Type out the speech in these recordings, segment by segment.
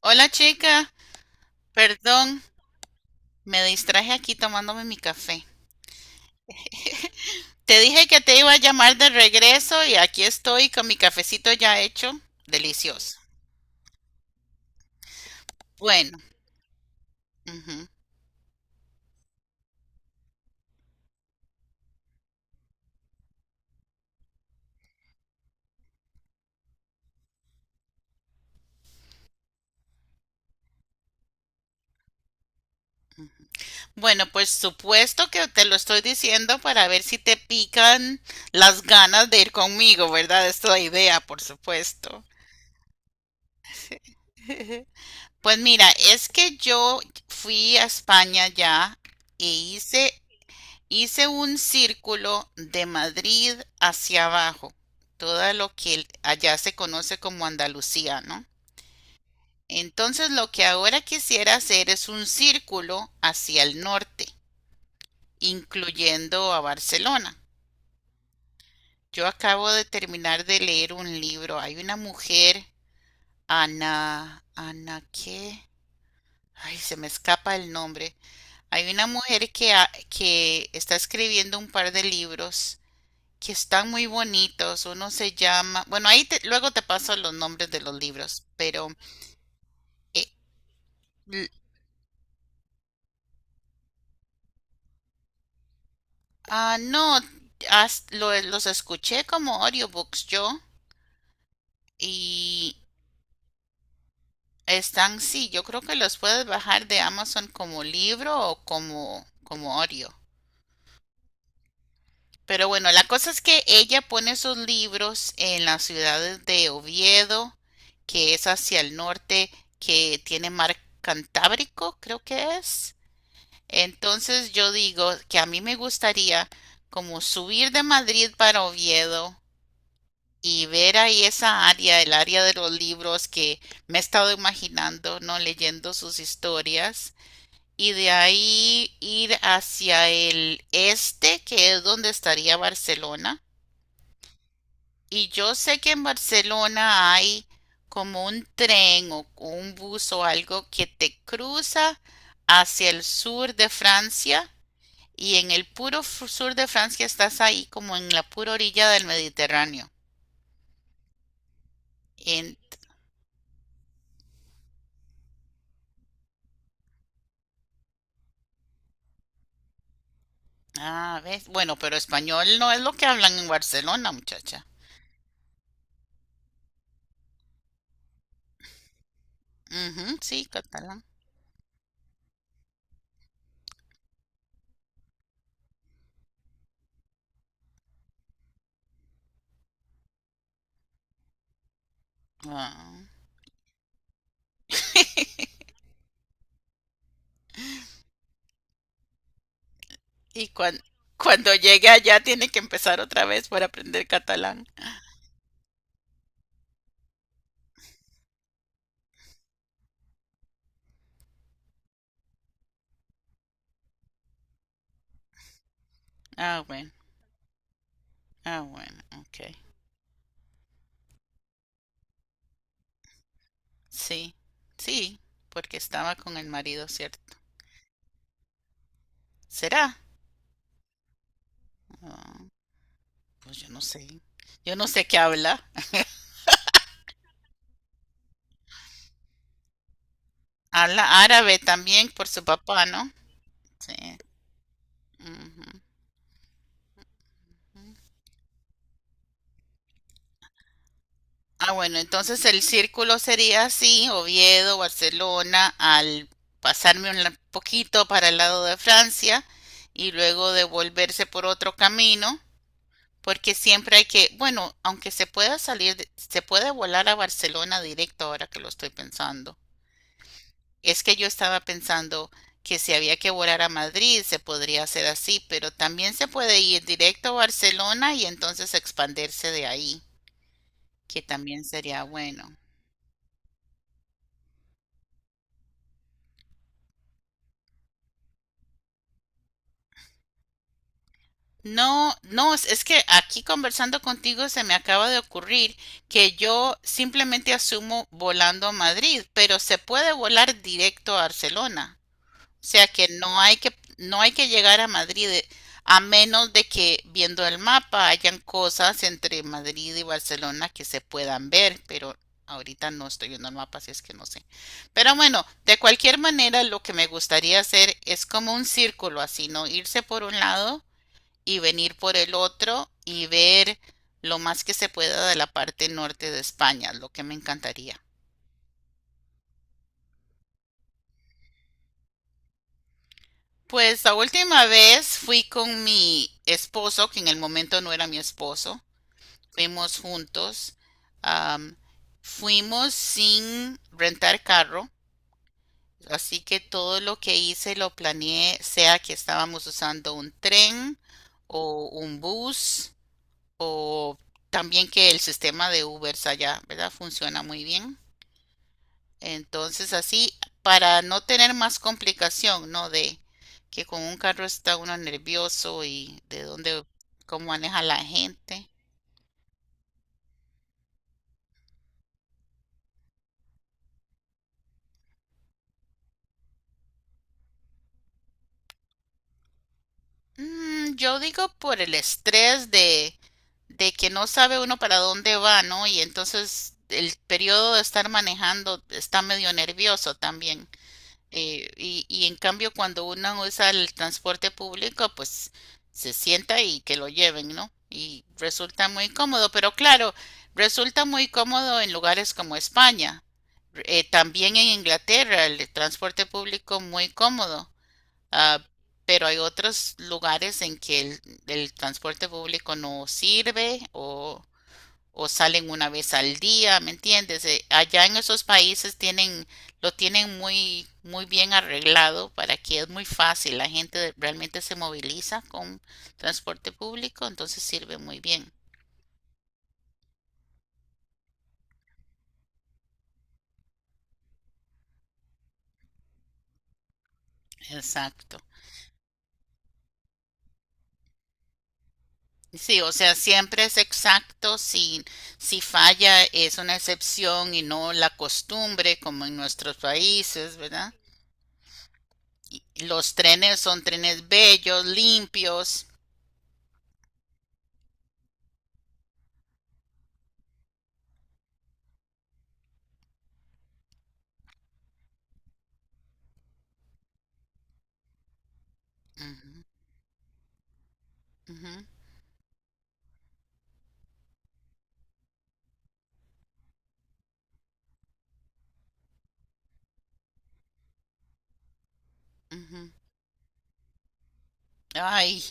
Hola chica, perdón, me distraje aquí tomándome mi café. Te dije que te iba a llamar de regreso y aquí estoy con mi cafecito ya hecho. Delicioso. Bueno, ujú. Bueno, pues supuesto que te lo estoy diciendo para ver si te pican las ganas de ir conmigo, ¿verdad? Esta es la idea, por supuesto. Pues mira, es que yo fui a España ya e hice hice un círculo de Madrid hacia abajo, todo lo que allá se conoce como Andalucía, ¿no? Entonces lo que ahora quisiera hacer es un círculo hacia el norte, incluyendo a Barcelona. Yo acabo de terminar de leer un libro. Hay una mujer, Ana, Ana, ¿qué? Ay, se me escapa el nombre. Hay una mujer que, que está escribiendo un par de libros que están muy bonitos. Uno se llama, bueno, luego te paso los nombres de los libros, pero eh, l- ah, no, los escuché como audiobooks yo y están, sí, yo creo que los puedes bajar de Amazon como libro o como, como audio. Pero bueno, la cosa es que ella pone sus libros en las ciudades de Oviedo, que es hacia el norte, que tiene mar Cantábrico, creo que es. Entonces yo digo que a mí me gustaría como subir de Madrid para Oviedo y ver ahí esa área, el área de los libros que me he estado imaginando, ¿no? Leyendo sus historias. Y de ahí ir hacia el este, que es donde estaría Barcelona. Y yo sé que en Barcelona hay como un tren o un bus o algo que te cruza hacia el sur de Francia. Y en el puro sur de Francia estás ahí como en la pura orilla del Mediterráneo. En, ah, ¿ves? Bueno, pero español no es lo que hablan en Barcelona, muchacha. Ujú, sí, catalán. Ah. Y cuando llegue allá tiene que empezar otra vez por aprender catalán. Ah, bueno, ah, bueno, ok. Sí, sí, porque estaba con el marido, ¿cierto? ¿Será? Ah, pues yo no sé. Yo no sé qué habla. Habla árabe también por su papá, ¿no? Sí. Ujú, ujú. Ah, bueno, entonces el círculo sería así, Oviedo, Barcelona, al poquito para el lado de Francia y luego devolverse por otro camino, porque siempre hay que, bueno, aunque se pueda salir, se puede volar a Barcelona directo ahora que lo estoy pensando. Es que yo estaba pensando que si había que volar a Madrid se podría hacer así, pero también se puede ir directo a Barcelona y entonces expandirse de ahí, que también sería bueno. No, no, es que aquí conversando contigo se me acaba de ocurrir que yo simplemente asumo volando a Madrid, pero se puede volar directo a Barcelona. O sea que no hay que, no hay que llegar a Madrid, a menos de que viendo el mapa hayan cosas entre Madrid y Barcelona que se puedan ver, pero ahorita no estoy viendo el mapa, así es que no sé. Pero bueno, de cualquier manera, lo que me gustaría hacer es como un círculo así, ¿no? Irse por un lado y venir por el otro y ver lo más que se pueda de la parte norte de España, lo que me encantaría. Pues la última vez fui con mi esposo, que en el momento no era mi esposo. Fuimos juntos. Am, fuimos sin rentar carro, así que todo lo que hice lo planeé, sea que estábamos usando un tren o un bus o también que el sistema de Ubers allá, ¿verdad? Funciona muy bien. Entonces así, para no tener más complicación, ¿no? De que con un carro está uno nervioso y de dónde, cómo maneja la gente. Mm, yo digo por el estrés de que no sabe uno para dónde va, ¿no? Y entonces el periodo de estar manejando está medio nervioso también. Y en cambio, cuando uno usa el transporte público, pues se sienta y que lo lleven, ¿no? Y resulta muy cómodo, pero claro, resulta muy cómodo en lugares como España. También en Inglaterra el transporte público muy cómodo, ah, pero hay otros lugares en que el transporte público no sirve o salen una vez al día, ¿me entiendes? Allá en esos países tienen, lo tienen muy, muy bien arreglado para que es muy fácil. La gente realmente se moviliza con transporte público, entonces sirve muy bien. Exacto. Sí, o sea, siempre es exacto. Si, si falla es una excepción y no la costumbre como en nuestros países, ¿verdad? Los trenes son trenes bellos, limpios. Ujú, ujú, ujú. Ay.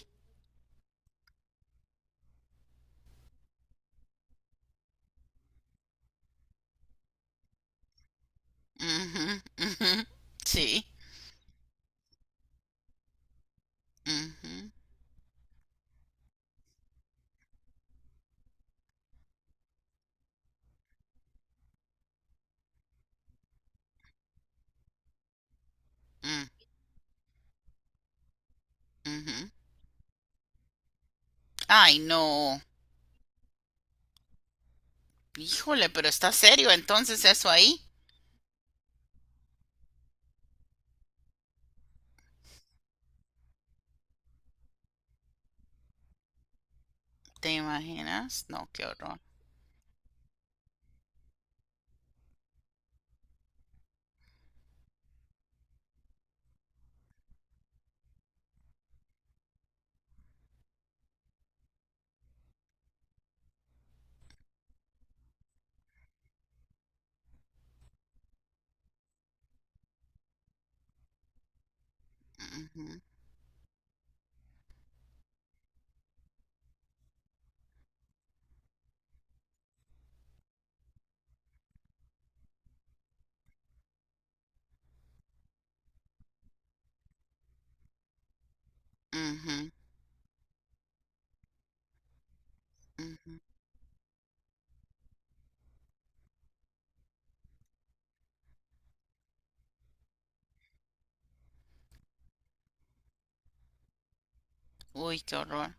Ujú, ujú. Sí. Ujú, mm, ujú. Ay, no. Híjole, pero está serio entonces eso ahí. ¿Te imaginas? No, qué horror. Ujú, ujú, ujú. Uy, qué horror.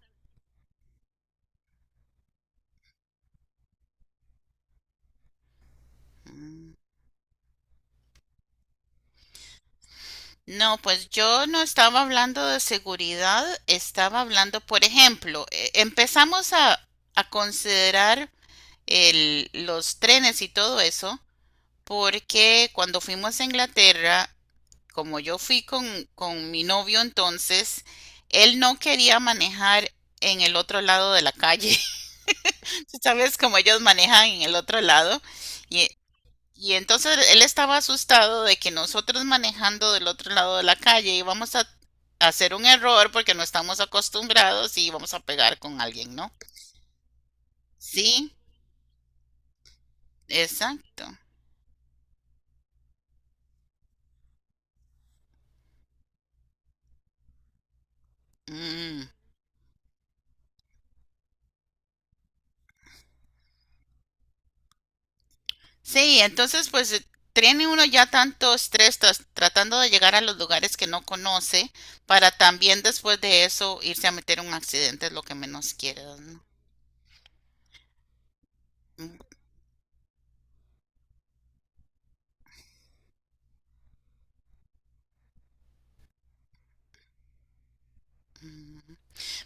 No, pues yo no estaba hablando de seguridad, estaba hablando, por ejemplo, empezamos a considerar los trenes y todo eso, porque cuando fuimos a Inglaterra como yo fui con mi novio entonces, él no quería manejar en el otro lado de la calle. Tú sabes como ellos manejan en el otro lado. Y, y entonces él estaba asustado de que nosotros manejando del otro lado de la calle íbamos a hacer un error porque no estamos acostumbrados y íbamos a pegar con alguien, ¿no? Sí, exacto. Mm. Sí, entonces pues tiene uno ya tanto estrés tratando de llegar a los lugares que no conoce para también después de eso irse a meter en un accidente es lo que menos quiere, ¿no? Mm, mm.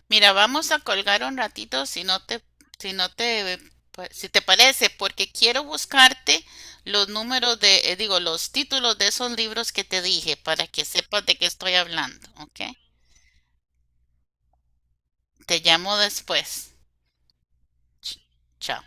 Mira, vamos a colgar un ratito si no te, si no te, eh, si te parece, porque quiero buscarte los números de, digo, los títulos de esos libros que te dije para que sepas de qué estoy hablando, ¿ok? Te llamo después. Ch- Chao.